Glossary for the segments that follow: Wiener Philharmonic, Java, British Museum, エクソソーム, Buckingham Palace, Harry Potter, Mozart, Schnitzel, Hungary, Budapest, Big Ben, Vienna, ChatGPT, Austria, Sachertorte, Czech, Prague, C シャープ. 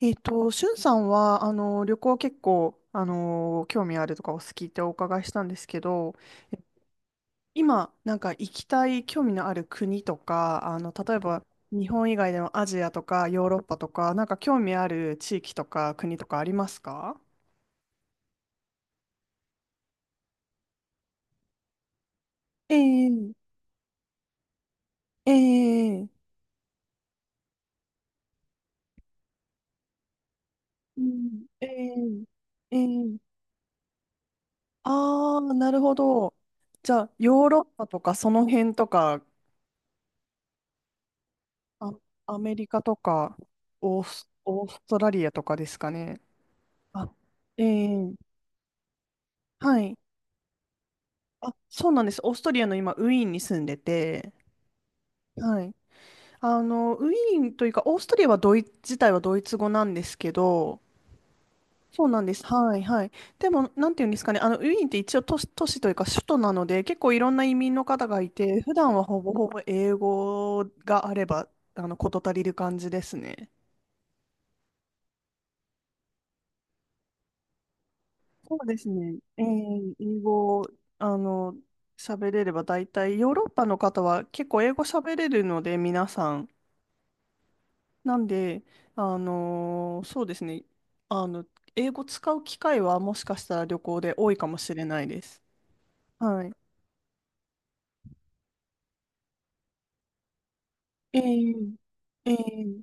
しゅんさんは、旅行結構、興味あるとかお好きってお伺いしたんですけど、え今、なんか行きたい興味のある国とか、例えば日本以外でもアジアとかヨーロッパとか、なんか興味ある地域とか国とかありますか？ええええうんええええああー、なるほど。じゃあ、ヨーロッパとかその辺とか、あ、アメリカとか、オーストラリアとかですかね。あ、ええ、はい。あ、そうなんです。オーストリアの今、ウィーンに住んでて、はい。ウィーンというか、オーストリアはドイツ、自体はドイツ語なんですけど、そうなんです。はい、はい。でも、なんていうんですかね、ウィーンって一応都市というか首都なので、結構いろんな移民の方がいて、普段はほぼほぼ英語があれば、事足りる感じですね。そうですね。英語、あの、喋れれば大体、ヨーロッパの方は結構英語喋れるので、皆さん。なんで、そうですね。あの、英語使う機会はもしかしたら旅行で多いかもしれないです。はい。えー、えー、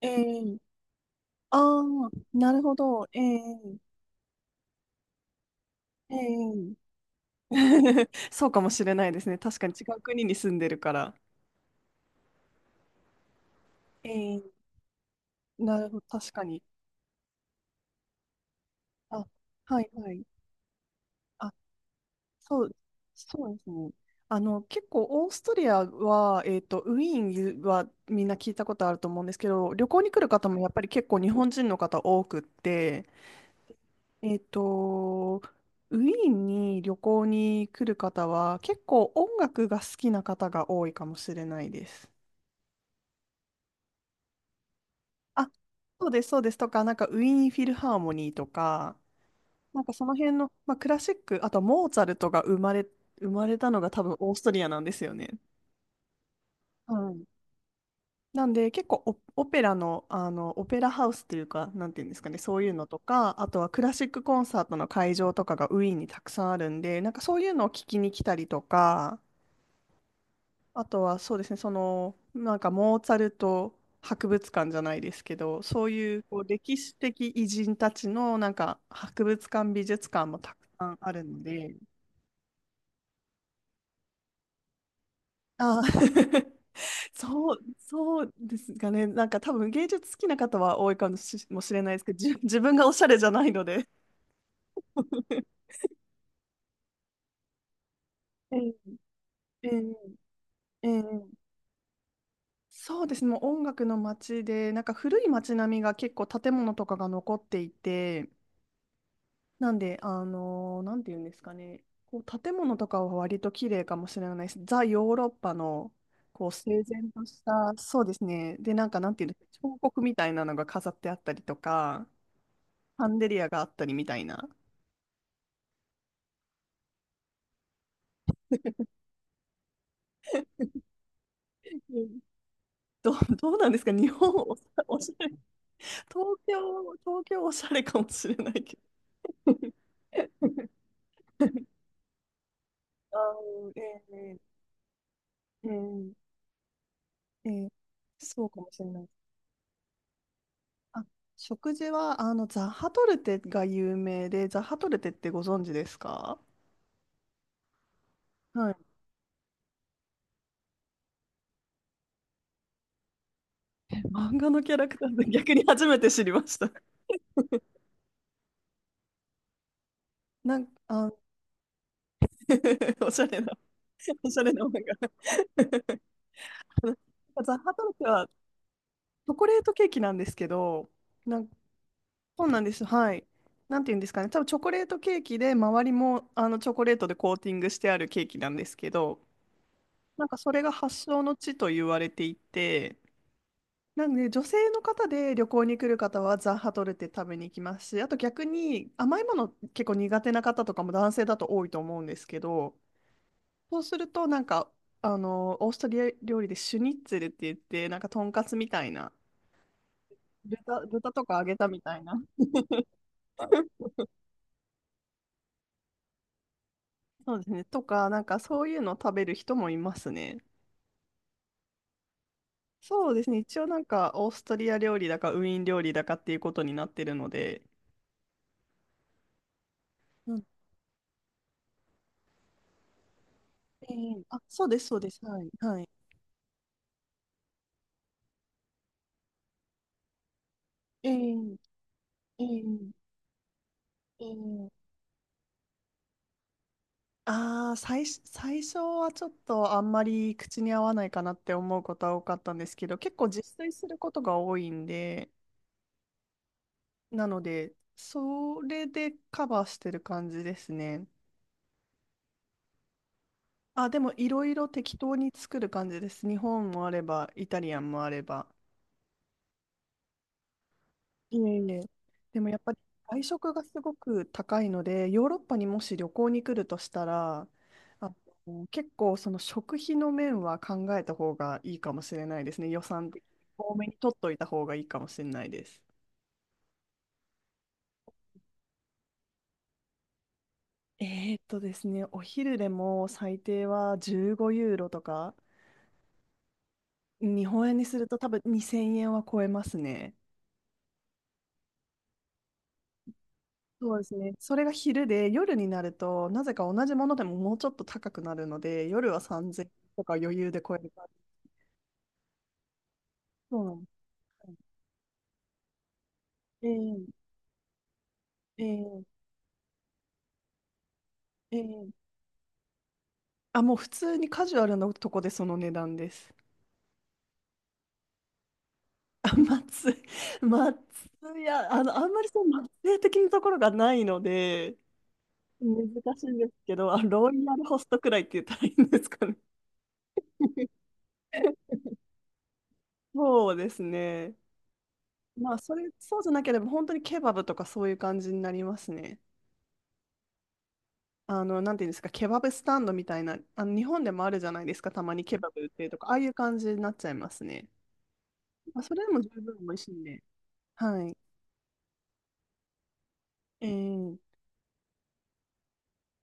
えー、ああ、なるほど。えー、えー。そうかもしれないですね。確かに違う国に住んでるから。えー、なるほど、確かに。あ、はいはい。そう、そうですね。結構オーストリアは、ウィーンはみんな聞いたことあると思うんですけど、旅行に来る方もやっぱり結構日本人の方多くって、えっと、ウィーンに旅行に来る方は結構音楽が好きな方が多いかもしれないです。あ、そうです、そうです。とか、なんかウィーンフィルハーモニーとか、なんかその辺の、まあ、クラシック、あとモーツァルトが生まれ、生まれたのが多分オーストリアなんですよね。はい。なんで結構オ、オペラの、あのオペラハウスっていうか、なんていうんですかね、そういうのとか、あとはクラシックコンサートの会場とかがウィーンにたくさんあるんで、なんかそういうのを聞きに来たりとか、あとはそうですね、なんかモーツァルト博物館じゃないですけど、そういうこう歴史的偉人たちのなんか博物館、美術館もたくさんあるので、あー。 そう、そうですかね。なんか多分芸術好きな方は多いかもし、もしれないですけど、自分がおしゃれじゃないので。ええ、ええ、ええ、そうですね。もう音楽の街で、なんか古い街並みが結構建物とかが残っていて、なんで、なんていうんですかね。こう建物とかは割と綺麗かもしれないです。ザ・ヨーロッパの、こう整然とした、そうですね。で、なんかなんていうんですか、彫刻みたいなのが飾ってあったりとか、シャンデリアがあったりみたいな。うん。どうなんですか日本おしゃれ、東京おしゃれかもしれないけど。あー、えー、えー、えー、そうかもしれない。あ、食事は、ザハトルテが有名で、ザハトルテってご存知ですか？はい。漫画のキャラクターで逆に初めて知りました。なんか、あ、おしゃれな、おしゃれな漫画。ザハトルテはチョコレートケーキなんですけど、なんか、そうなんです。はい。なんて言うんですかね。多分チョコレートケーキで、周りもあのチョコレートでコーティングしてあるケーキなんですけど、なんかそれが発祥の地と言われていて、なので女性の方で旅行に来る方はザ・ハトルテ食べに行きますし、あと逆に甘いもの結構苦手な方とかも男性だと多いと思うんですけど、そうするとなんか、オーストリア料理でシュニッツェルって言って、なんかとんかつみたいな、豚とか揚げたみたいな、そうですね。とか、なんかそういうのを食べる人もいますね。そうですね。一応なんかオーストリア料理だかウィーン料理だかっていうことになってるので。うん。ええ、あ、そうです、そうです。はい。はい。ええええええ、ああ、最初はちょっとあんまり口に合わないかなって思うことは多かったんですけど、結構自炊することが多いんで、なので、それでカバーしてる感じですね。あ、でもいろいろ適当に作る感じです。日本もあれば、イタリアンもあれば。いえいえ。でもやっぱり外食がすごく高いので、ヨーロッパにもし旅行に来るとしたら、あ結構その食費の面は考えた方がいいかもしれないですね。予算的に多めに取っといた方がいいかもしれないです。ですね、お昼でも最低は15ユーロとか、日本円にすると多分2000円は超えますね。そうですね。それが昼で、夜になると、なぜか同じものでももうちょっと高くなるので、夜は3000とか余裕で超える感じ。そうなんです。ええええええ、あ、もう普通にカジュアルなとこでその値段です。あ、松、松屋、あんまりその松屋的なところがないので、難しいんですけど、あ、ロイヤルホストくらいって言ったらいいんですかね。そうですね。まあ、そうじゃなければ、本当にケバブとかそういう感じになりますね。なんていうんですか、ケバブスタンドみたいな、日本でもあるじゃないですか、たまにケバブ売ってるとか、ああいう感じになっちゃいますね。まあ、それでも十分美味しいんで。はい。えー、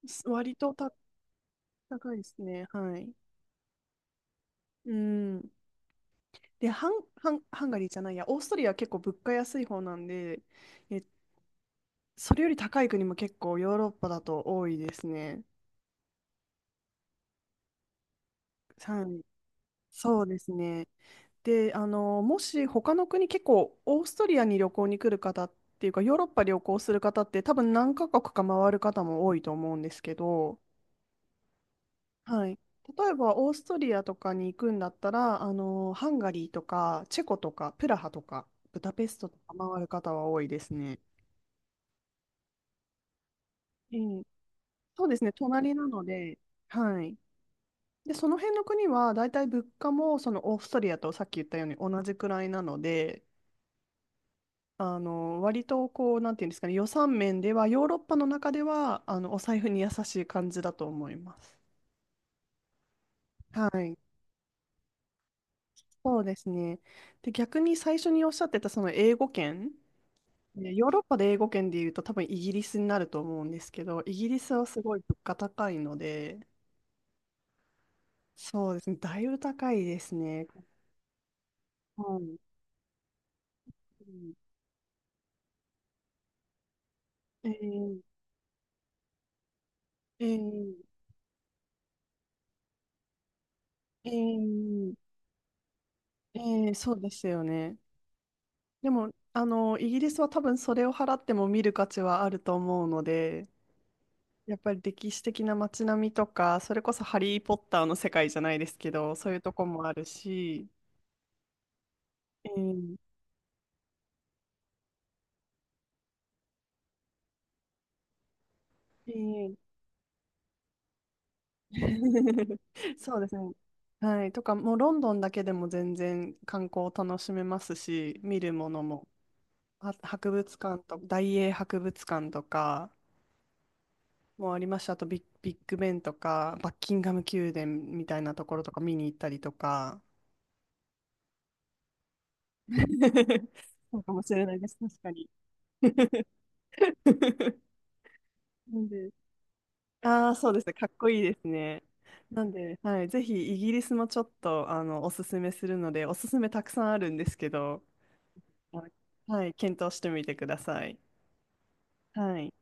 割とた高いですね。はい。うん。で、ハンガリーじゃないや、オーストリアは結構物価安い方なんで、え、それより高い国も結構ヨーロッパだと多いですね。はい。そうですね。で、もし他の国、結構オーストリアに旅行に来る方っていうか、ヨーロッパ旅行する方って多分何カ国か回る方も多いと思うんですけど、はい。例えばオーストリアとかに行くんだったら、ハンガリーとか、チェコとか、プラハとか、ブダペストとか回る方は多いですね。ええ、そうですね、隣なので、はい。で、その辺の国は大体物価もそのオーストリアとさっき言ったように同じくらいなので、割とこう、なんていうんですかね、予算面では、ヨーロッパの中ではお財布に優しい感じだと思います。はい、そうですね。で、逆に最初におっしゃってたその英語圏、ね、ヨーロッパで英語圏で言うと、多分イギリスになると思うんですけど、イギリスはすごい物価高いので、そうですね、だいぶ高いですね。はい。うん。えー、えー、えー、そうですよね。でも、イギリスは多分それを払っても見る価値はあると思うので、やっぱり歴史的な街並みとか、それこそハリー・ポッターの世界じゃないですけど、そういうとこもあるし、えー。えー。 そうですね。はい。とか、もうロンドンだけでも全然観光を楽しめますし、見るものも、博物館と、大英博物館とかもありました。あとビッグベンとか、バッキンガム宮殿みたいなところとか見に行ったりとか、そうかもしれないです、確かに。なんで、ああ、そうですね、かっこいいですね。なんで、はい、ぜひイギリスもちょっとあのおすすめするので、おすすめたくさんあるんですけど、あのはい、検討してみてください。はい。